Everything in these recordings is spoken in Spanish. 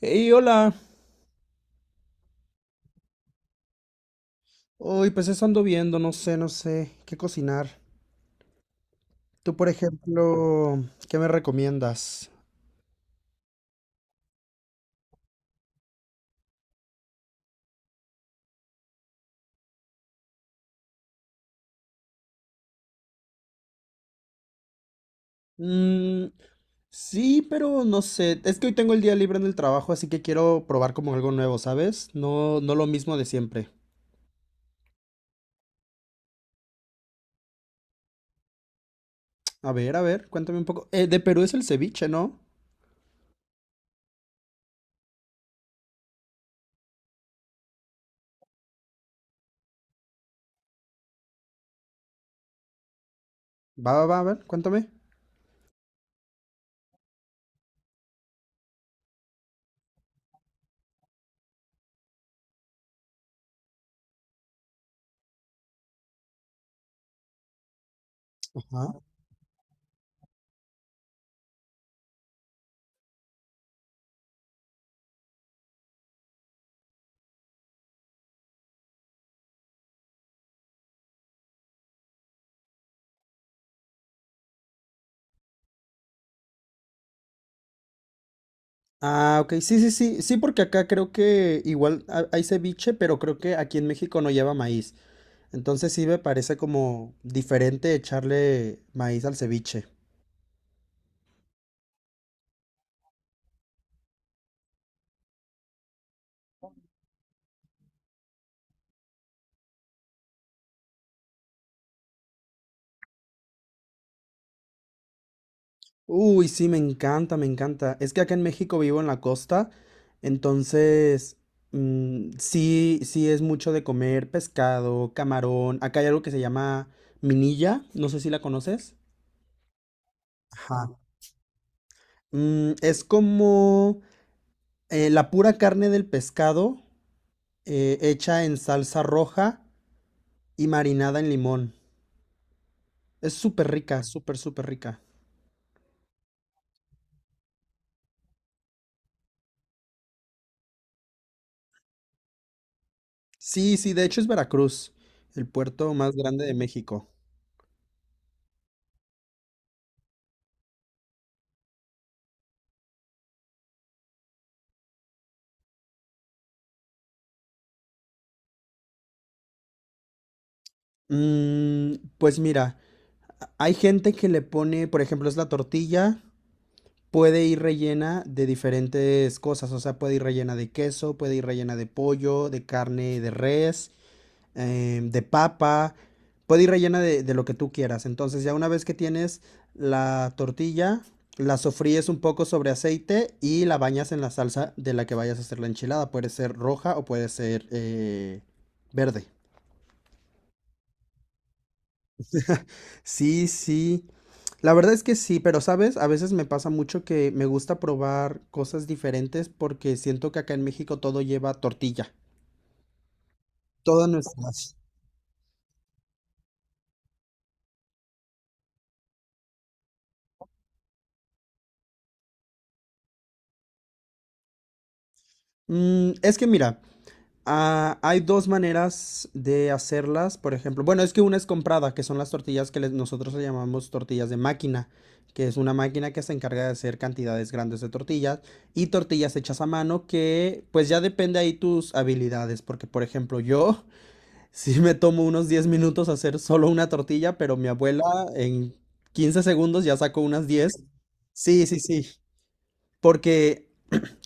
Y hola. Uy, pues eso ando viendo, no sé qué cocinar. Tú, por ejemplo, ¿qué me recomiendas? Mm, sí, pero no sé. Es que hoy tengo el día libre en el trabajo, así que quiero probar como algo nuevo, ¿sabes? No, no lo mismo de siempre. A ver, cuéntame un poco. De Perú es el ceviche, ¿no? Va, va, va, a ver, cuéntame. Ajá. Ah, ok, sí, sí, sí, sí, porque acá creo que igual hay ceviche, pero creo que aquí en México no lleva maíz. Entonces sí me parece como diferente echarle maíz al ceviche. Uy, sí, me encanta, me encanta. Es que acá en México vivo en la costa, entonces mm, sí, sí es mucho de comer pescado, camarón. Acá hay algo que se llama minilla, no sé si la conoces. Ajá. Es como la pura carne del pescado, hecha en salsa roja y marinada en limón. Es súper rica, súper, súper rica. Sí, sí, de hecho es Veracruz, el puerto más grande de México. Pues mira, hay gente que le pone, por ejemplo, es la tortilla, puede ir rellena de diferentes cosas, o sea, puede ir rellena de queso, puede ir rellena de pollo, de carne, de res, de papa, puede ir rellena de lo que tú quieras. Entonces ya una vez que tienes la tortilla, la sofríes un poco sobre aceite y la bañas en la salsa de la que vayas a hacer la enchilada. Puede ser roja o puede ser verde. Sí, sí. La verdad es que sí, pero sabes, a veces me pasa mucho que me gusta probar cosas diferentes porque siento que acá en México todo lleva tortilla. Todas nuestras. Es que mira, hay dos maneras de hacerlas, por ejemplo. Bueno, es que una es comprada, que son las tortillas que nosotros le llamamos tortillas de máquina, que es una máquina que se encarga de hacer cantidades grandes de tortillas, y tortillas hechas a mano, que pues ya depende ahí tus habilidades, porque por ejemplo yo sí me tomo unos 10 minutos hacer solo una tortilla, pero mi abuela en 15 segundos ya sacó unas 10. Sí, sí, sí, porque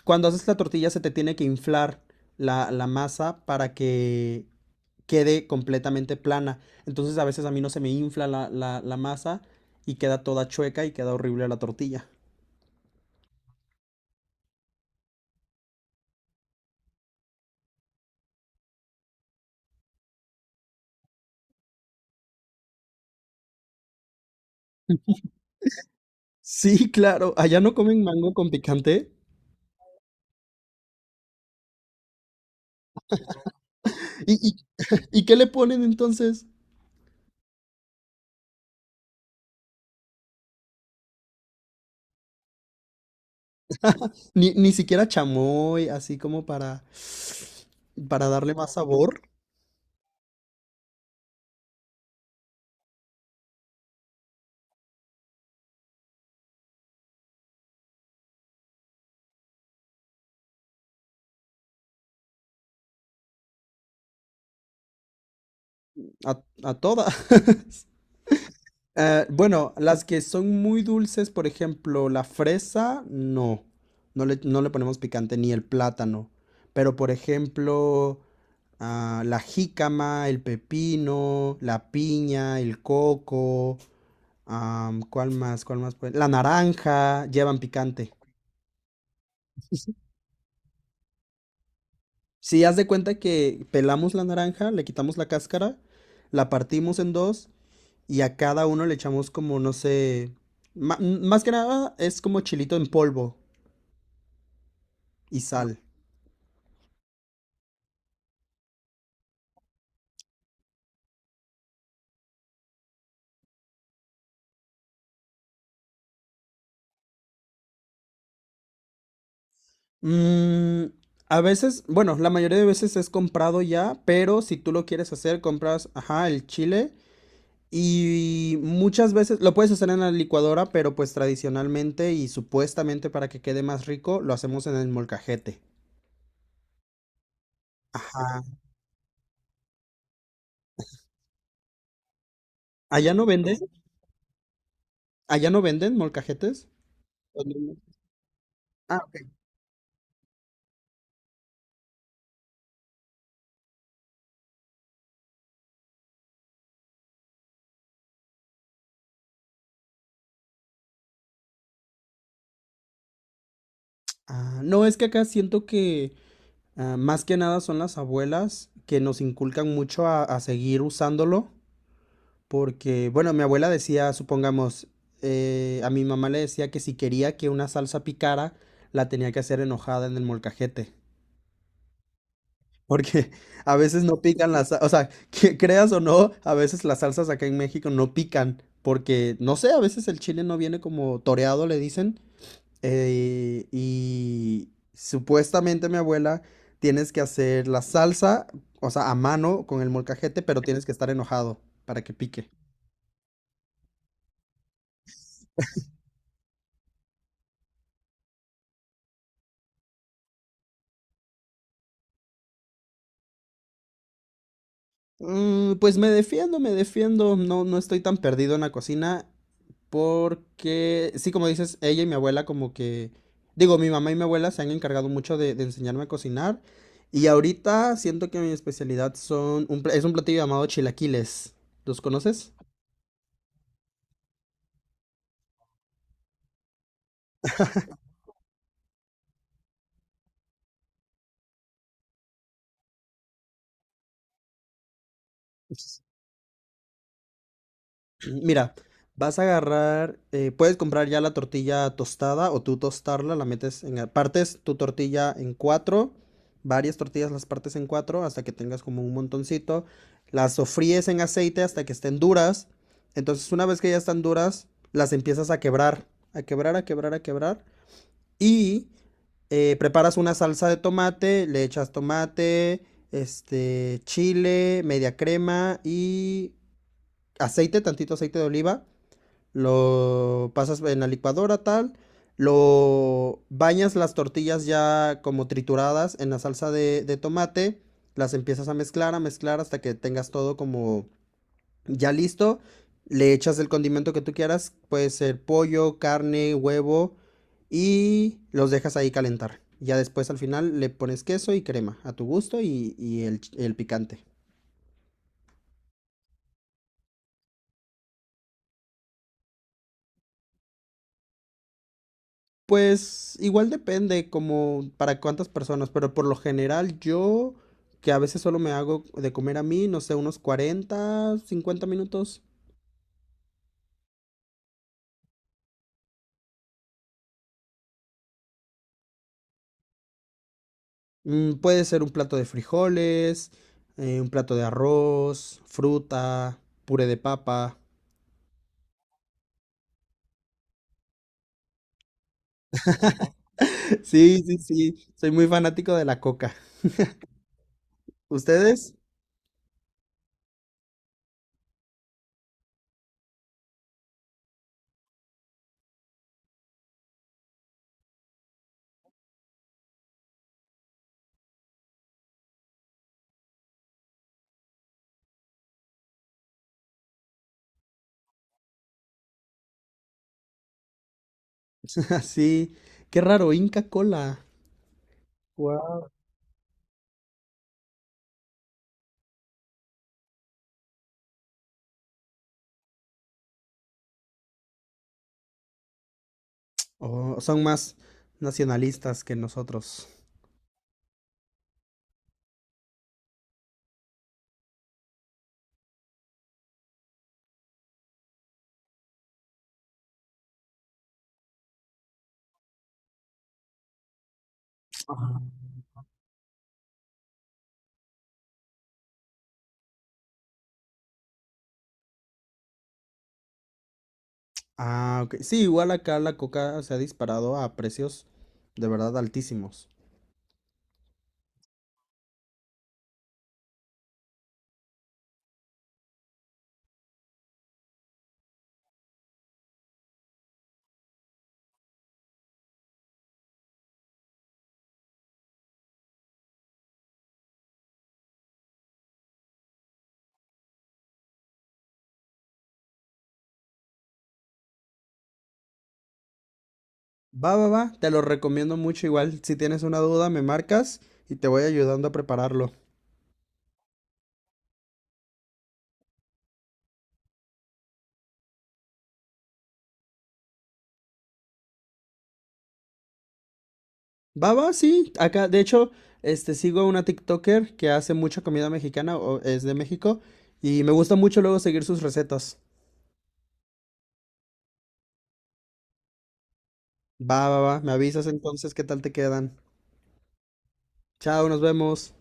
cuando haces la tortilla se te tiene que inflar la masa para que quede completamente plana. Entonces a veces a mí no se me infla la masa y queda toda chueca y queda horrible la tortilla. Sí, claro, allá no comen mango con picante. ¿Y, y, y qué le ponen entonces? Ni siquiera chamoy, así como para darle más sabor a todas. Bueno, las que son muy dulces, por ejemplo, la fresa, no. No le ponemos picante, ni el plátano. Pero, por ejemplo, la jícama, el pepino, la piña, el coco, ¿cuál más? ¿Cuál más? La naranja, llevan picante. Si haz de cuenta que pelamos la naranja, le quitamos la cáscara, la partimos en dos y a cada uno le echamos como, no sé, más que nada es como chilito en polvo y sal. Mm, a veces, bueno, la mayoría de veces es comprado ya, pero si tú lo quieres hacer, compras, ajá, el chile, y muchas veces lo puedes hacer en la licuadora, pero pues tradicionalmente y supuestamente para que quede más rico, lo hacemos en el molcajete. Ajá. ¿Allá no venden? ¿Allá no venden molcajetes? ¿Dónde no? Ah, ok. Ah, no, es que acá siento que más que nada son las abuelas que nos inculcan mucho a seguir usándolo, porque, bueno, mi abuela decía, supongamos, a mi mamá le decía que si quería que una salsa picara, la tenía que hacer enojada en el molcajete, porque a veces no pican las, o sea, que creas o no, a veces las salsas acá en México no pican, porque, no sé, a veces el chile no viene como toreado, le dicen, y supuestamente mi abuela, tienes que hacer la salsa, o sea, a mano con el molcajete, pero tienes que estar enojado para que pique. Pues me defiendo, me defiendo. No, no estoy tan perdido en la cocina porque, sí, como dices, ella y mi abuela como que, digo, mi mamá y mi abuela se han encargado mucho de enseñarme a cocinar, y ahorita siento que mi especialidad es un platillo llamado chilaquiles. ¿Los conoces? Mira, vas a agarrar, puedes comprar ya la tortilla tostada o tú tostarla, partes tu tortilla en cuatro, varias tortillas las partes en cuatro hasta que tengas como un montoncito, las sofríes en aceite hasta que estén duras, entonces una vez que ya están duras, las empiezas a quebrar, a quebrar, a quebrar, a quebrar, y preparas una salsa de tomate, le echas tomate, este, chile, media crema y aceite, tantito aceite de oliva, lo pasas en la licuadora tal, lo bañas las tortillas ya como trituradas en la salsa de tomate, las empiezas a mezclar hasta que tengas todo como ya listo, le echas el condimento que tú quieras, puede ser pollo, carne, huevo, y los dejas ahí calentar. Ya después al final le pones queso y crema a tu gusto y el picante. Pues igual depende como para cuántas personas, pero por lo general yo, que a veces solo me hago de comer a mí, no sé, unos 40, 50 minutos. Puede ser un plato de frijoles, un plato de arroz, fruta, puré de papa. Sí, sí, sí, soy muy fanático de la coca. ¿Ustedes? Sí, qué raro, Inca Cola. Wow. Oh, son más nacionalistas que nosotros. Ah, ok. Sí, igual acá la coca se ha disparado a precios de verdad altísimos. Va, va, va, te lo recomiendo mucho. Igual, si tienes una duda, me marcas y te voy ayudando a prepararlo. Va, va, sí. Acá, de hecho, este, sigo a una TikToker que hace mucha comida mexicana, o es de México, y me gusta mucho luego seguir sus recetas. Va, va, va, me avisas entonces qué tal te quedan. Chao, nos vemos.